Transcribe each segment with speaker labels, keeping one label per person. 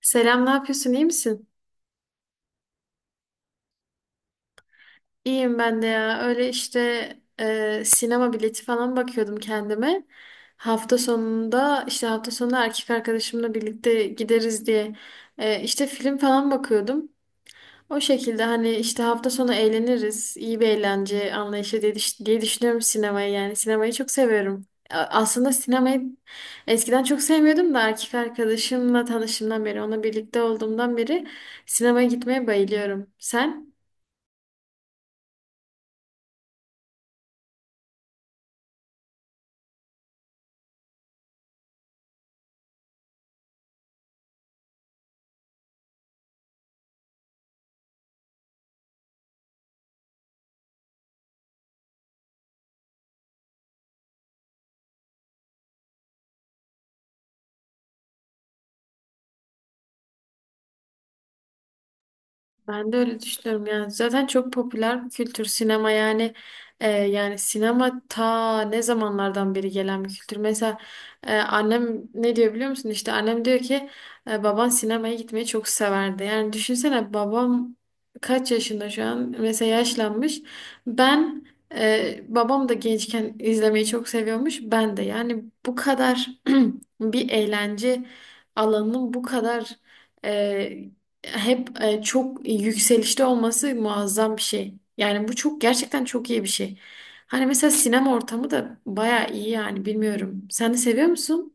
Speaker 1: Selam, ne yapıyorsun? İyi misin? İyiyim ben de ya. Öyle işte sinema bileti falan bakıyordum kendime. Hafta sonunda işte hafta sonunda erkek arkadaşımla birlikte gideriz diye işte film falan bakıyordum. O şekilde hani işte hafta sonu eğleniriz. İyi bir eğlence anlayışı diye, diye düşünüyorum sinemayı yani. Sinemayı çok seviyorum. Aslında sinemayı eskiden çok sevmiyordum da erkek arkadaşımla tanıştığımdan beri, onunla birlikte olduğumdan beri sinemaya gitmeye bayılıyorum. Sen? Ben de öyle düşünüyorum yani zaten çok popüler bir kültür sinema yani yani sinema ta ne zamanlardan beri gelen bir kültür. Mesela annem ne diyor biliyor musun? İşte annem diyor ki baban sinemaya gitmeyi çok severdi. Yani düşünsene babam kaç yaşında şu an mesela yaşlanmış. Ben babam da gençken izlemeyi çok seviyormuş ben de yani bu kadar bir eğlence alanının bu kadar e, hep çok yükselişte olması muazzam bir şey. Yani bu çok gerçekten çok iyi bir şey. Hani mesela sinema ortamı da baya iyi yani bilmiyorum. Sen de seviyor musun?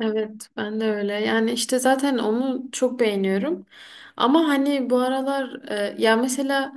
Speaker 1: Evet, ben de öyle. Yani işte zaten onu çok beğeniyorum. Ama hani bu aralar ya mesela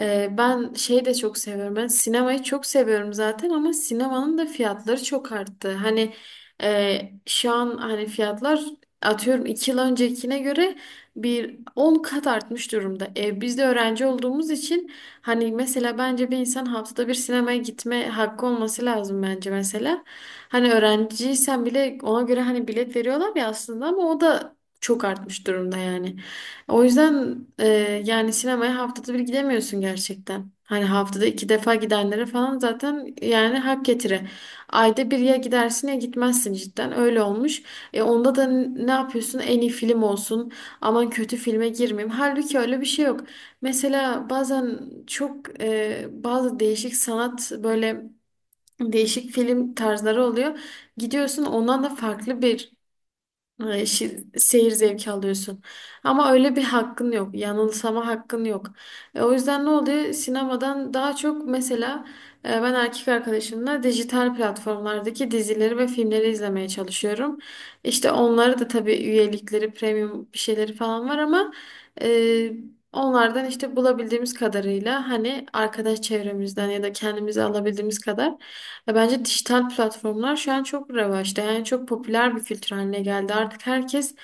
Speaker 1: ben şeyi de çok seviyorum. Ben sinemayı çok seviyorum zaten ama sinemanın da fiyatları çok arttı. Hani e, şu an hani fiyatlar atıyorum 2 yıl öncekine göre bir 10 kat artmış durumda. Biz de öğrenci olduğumuz için hani mesela bence bir insan haftada bir sinemaya gitme hakkı olması lazım bence mesela. Hani öğrenciysen bile ona göre hani bilet veriyorlar ya aslında ama o da çok artmış durumda yani. O yüzden yani sinemaya haftada bir gidemiyorsun gerçekten. Hani haftada iki defa gidenlere falan zaten yani hak getire. Ayda bir ya gidersin ya gitmezsin cidden öyle olmuş. E onda da ne yapıyorsun? En iyi film olsun. Aman kötü filme girmeyeyim. Halbuki öyle bir şey yok. Mesela bazen çok bazı değişik sanat böyle değişik film tarzları oluyor. Gidiyorsun ondan da farklı bir Ay, seyir zevki alıyorsun. Ama öyle bir hakkın yok. Yanılsama hakkın yok. O yüzden ne oluyor? Sinemadan daha çok mesela ben erkek arkadaşımla dijital platformlardaki dizileri ve filmleri izlemeye çalışıyorum. İşte onları da tabii üyelikleri, premium bir şeyleri falan var ama e, onlardan işte bulabildiğimiz kadarıyla hani arkadaş çevremizden ya da kendimize alabildiğimiz kadar ya bence dijital platformlar şu an çok revaçta. Yani çok popüler bir filtre haline geldi. Artık herkes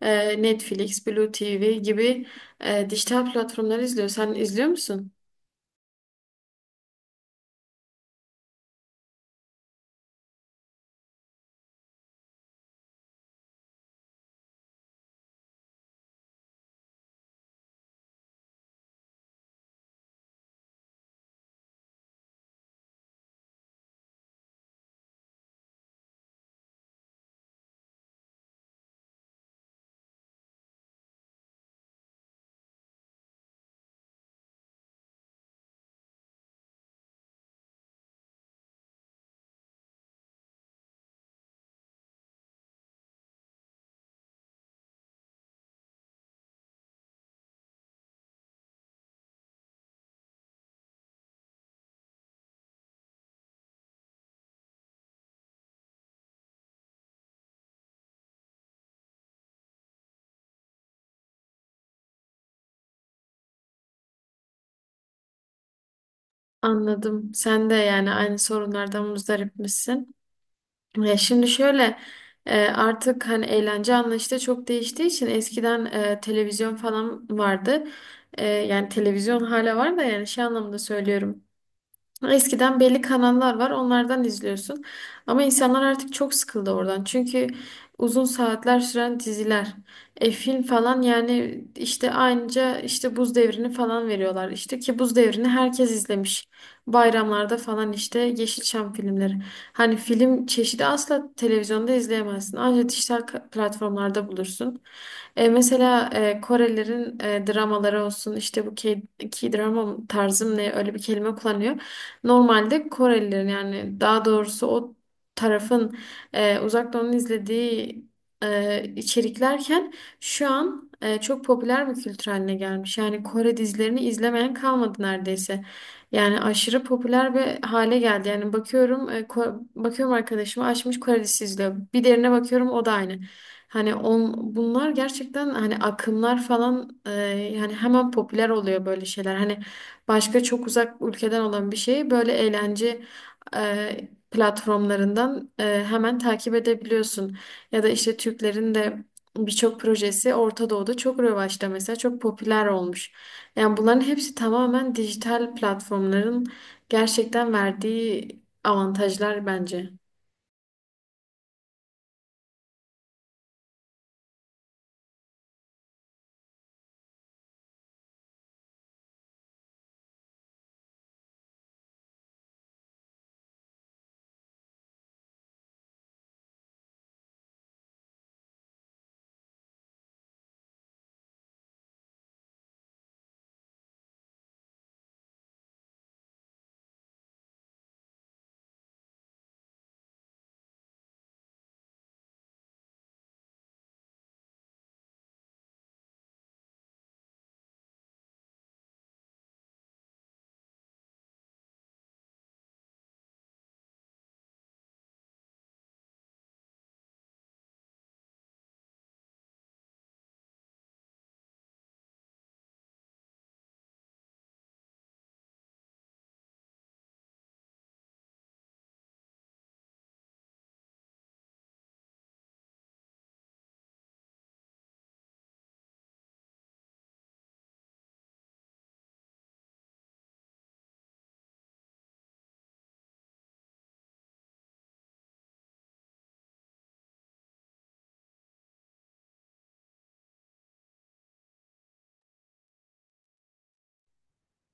Speaker 1: Netflix, Blue TV gibi dijital platformları izliyor. Sen izliyor musun? Anladım. Sen de yani aynı sorunlardan muzdarip misin? Şimdi şöyle artık hani eğlence anlayışı da çok değiştiği için eskiden televizyon falan vardı. Yani televizyon hala var da yani şey anlamında söylüyorum. Eskiden belli kanallar var, onlardan izliyorsun. Ama insanlar artık çok sıkıldı oradan. Çünkü uzun saatler süren diziler. Film falan yani işte aynıca işte Buz Devri'ni falan veriyorlar. İşte ki Buz Devri'ni herkes izlemiş. Bayramlarda falan işte Yeşilçam filmleri. Hani film çeşidi asla televizyonda izleyemezsin. Ancak dijital platformlarda bulursun. Mesela Korelilerin dramaları olsun işte bu K-drama tarzım ne öyle bir kelime kullanıyor. Normalde Korelilerin yani daha doğrusu o tarafın Uzak Doğu'nun izlediği içeriklerken şu an çok popüler bir kültür haline gelmiş. Yani Kore dizilerini izlemeyen kalmadı neredeyse. Yani aşırı popüler bir hale geldi. Yani bakıyorum bakıyorum arkadaşıma açmış Kore dizisi izliyor. Bir derine bakıyorum o da aynı. Hani on, bunlar gerçekten hani akımlar falan yani hemen popüler oluyor böyle şeyler. Hani başka çok uzak ülkeden olan bir şeyi böyle eğlence platformlarından hemen takip edebiliyorsun. Ya da işte Türklerin de birçok projesi Orta Doğu'da çok revaçta mesela çok popüler olmuş. Yani bunların hepsi tamamen dijital platformların gerçekten verdiği avantajlar bence.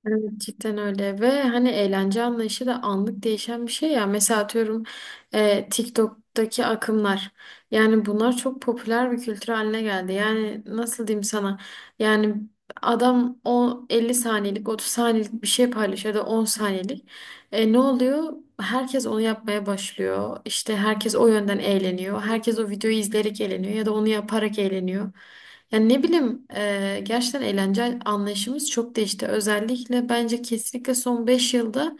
Speaker 1: Evet, cidden öyle ve hani eğlence anlayışı da anlık değişen bir şey ya. Mesela atıyorum TikTok'taki akımlar. Yani bunlar çok popüler bir kültür haline geldi. Yani nasıl diyeyim sana? Yani adam o 50 saniyelik, 30 saniyelik bir şey paylaşıyor ya da 10 saniyelik. Ne oluyor? Herkes onu yapmaya başlıyor. İşte herkes o yönden eğleniyor. Herkes o videoyu izleyerek eğleniyor ya da onu yaparak eğleniyor. Yani ne bileyim gerçekten eğlence anlayışımız çok değişti. Özellikle bence kesinlikle son 5 yılda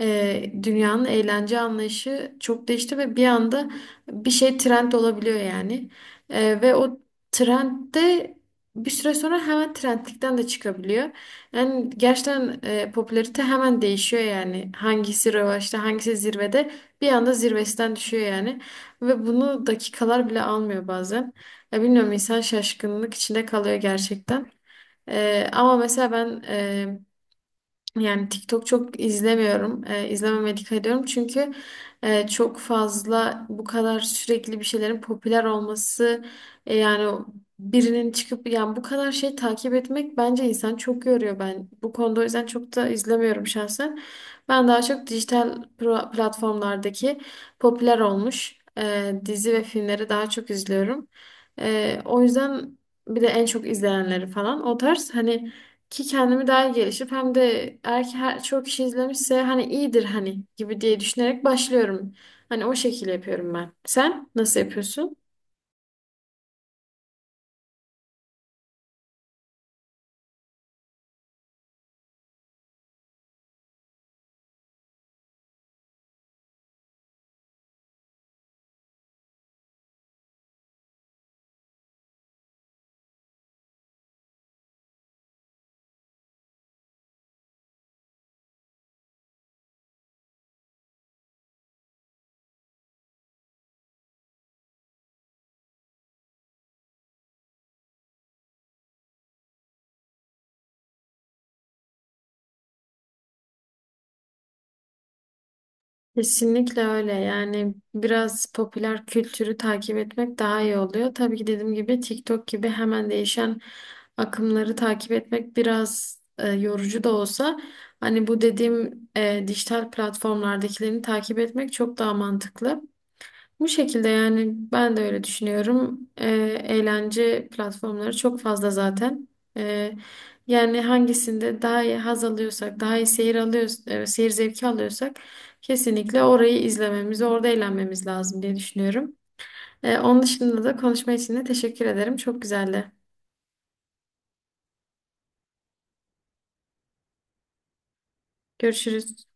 Speaker 1: dünyanın eğlence anlayışı çok değişti ve bir anda bir şey trend olabiliyor yani. Ve o trend bir süre sonra hemen trendlikten de çıkabiliyor. Yani gerçekten popülarite hemen değişiyor yani. Hangisi revaçta, hangisi zirvede bir anda zirvesinden düşüyor yani. Ve bunu dakikalar bile almıyor bazen. Ya bilmiyorum insan şaşkınlık içinde kalıyor gerçekten. Ama mesela ben yani TikTok çok izlemiyorum. İzlememeye dikkat ediyorum. Çünkü çok fazla bu kadar sürekli bir şeylerin popüler olması yani o birinin çıkıp yani bu kadar şey takip etmek bence insan çok yoruyor ben. Bu konuda o yüzden çok da izlemiyorum şahsen. Ben daha çok dijital platformlardaki popüler olmuş dizi ve filmleri daha çok izliyorum. O yüzden bir de en çok izleyenleri falan o tarz hani ki kendimi daha iyi gelişip hem de eğer ki her, çok kişi izlemişse hani iyidir hani gibi diye düşünerek başlıyorum. Hani o şekilde yapıyorum ben. Sen nasıl yapıyorsun? Kesinlikle öyle. Yani biraz popüler kültürü takip etmek daha iyi oluyor. Tabii ki dediğim gibi TikTok gibi hemen değişen akımları takip etmek biraz yorucu da olsa hani bu dediğim dijital platformlardakilerini takip etmek çok daha mantıklı. Bu şekilde yani ben de öyle düşünüyorum. Eğlence platformları çok fazla zaten. Ee, Yani hangisinde daha iyi haz alıyorsak, daha iyi seyir alıyoruz, seyir zevki alıyorsak kesinlikle orayı izlememiz, orada eğlenmemiz lazım diye düşünüyorum. Onun dışında da konuşma için de teşekkür ederim. Çok güzeldi. Görüşürüz.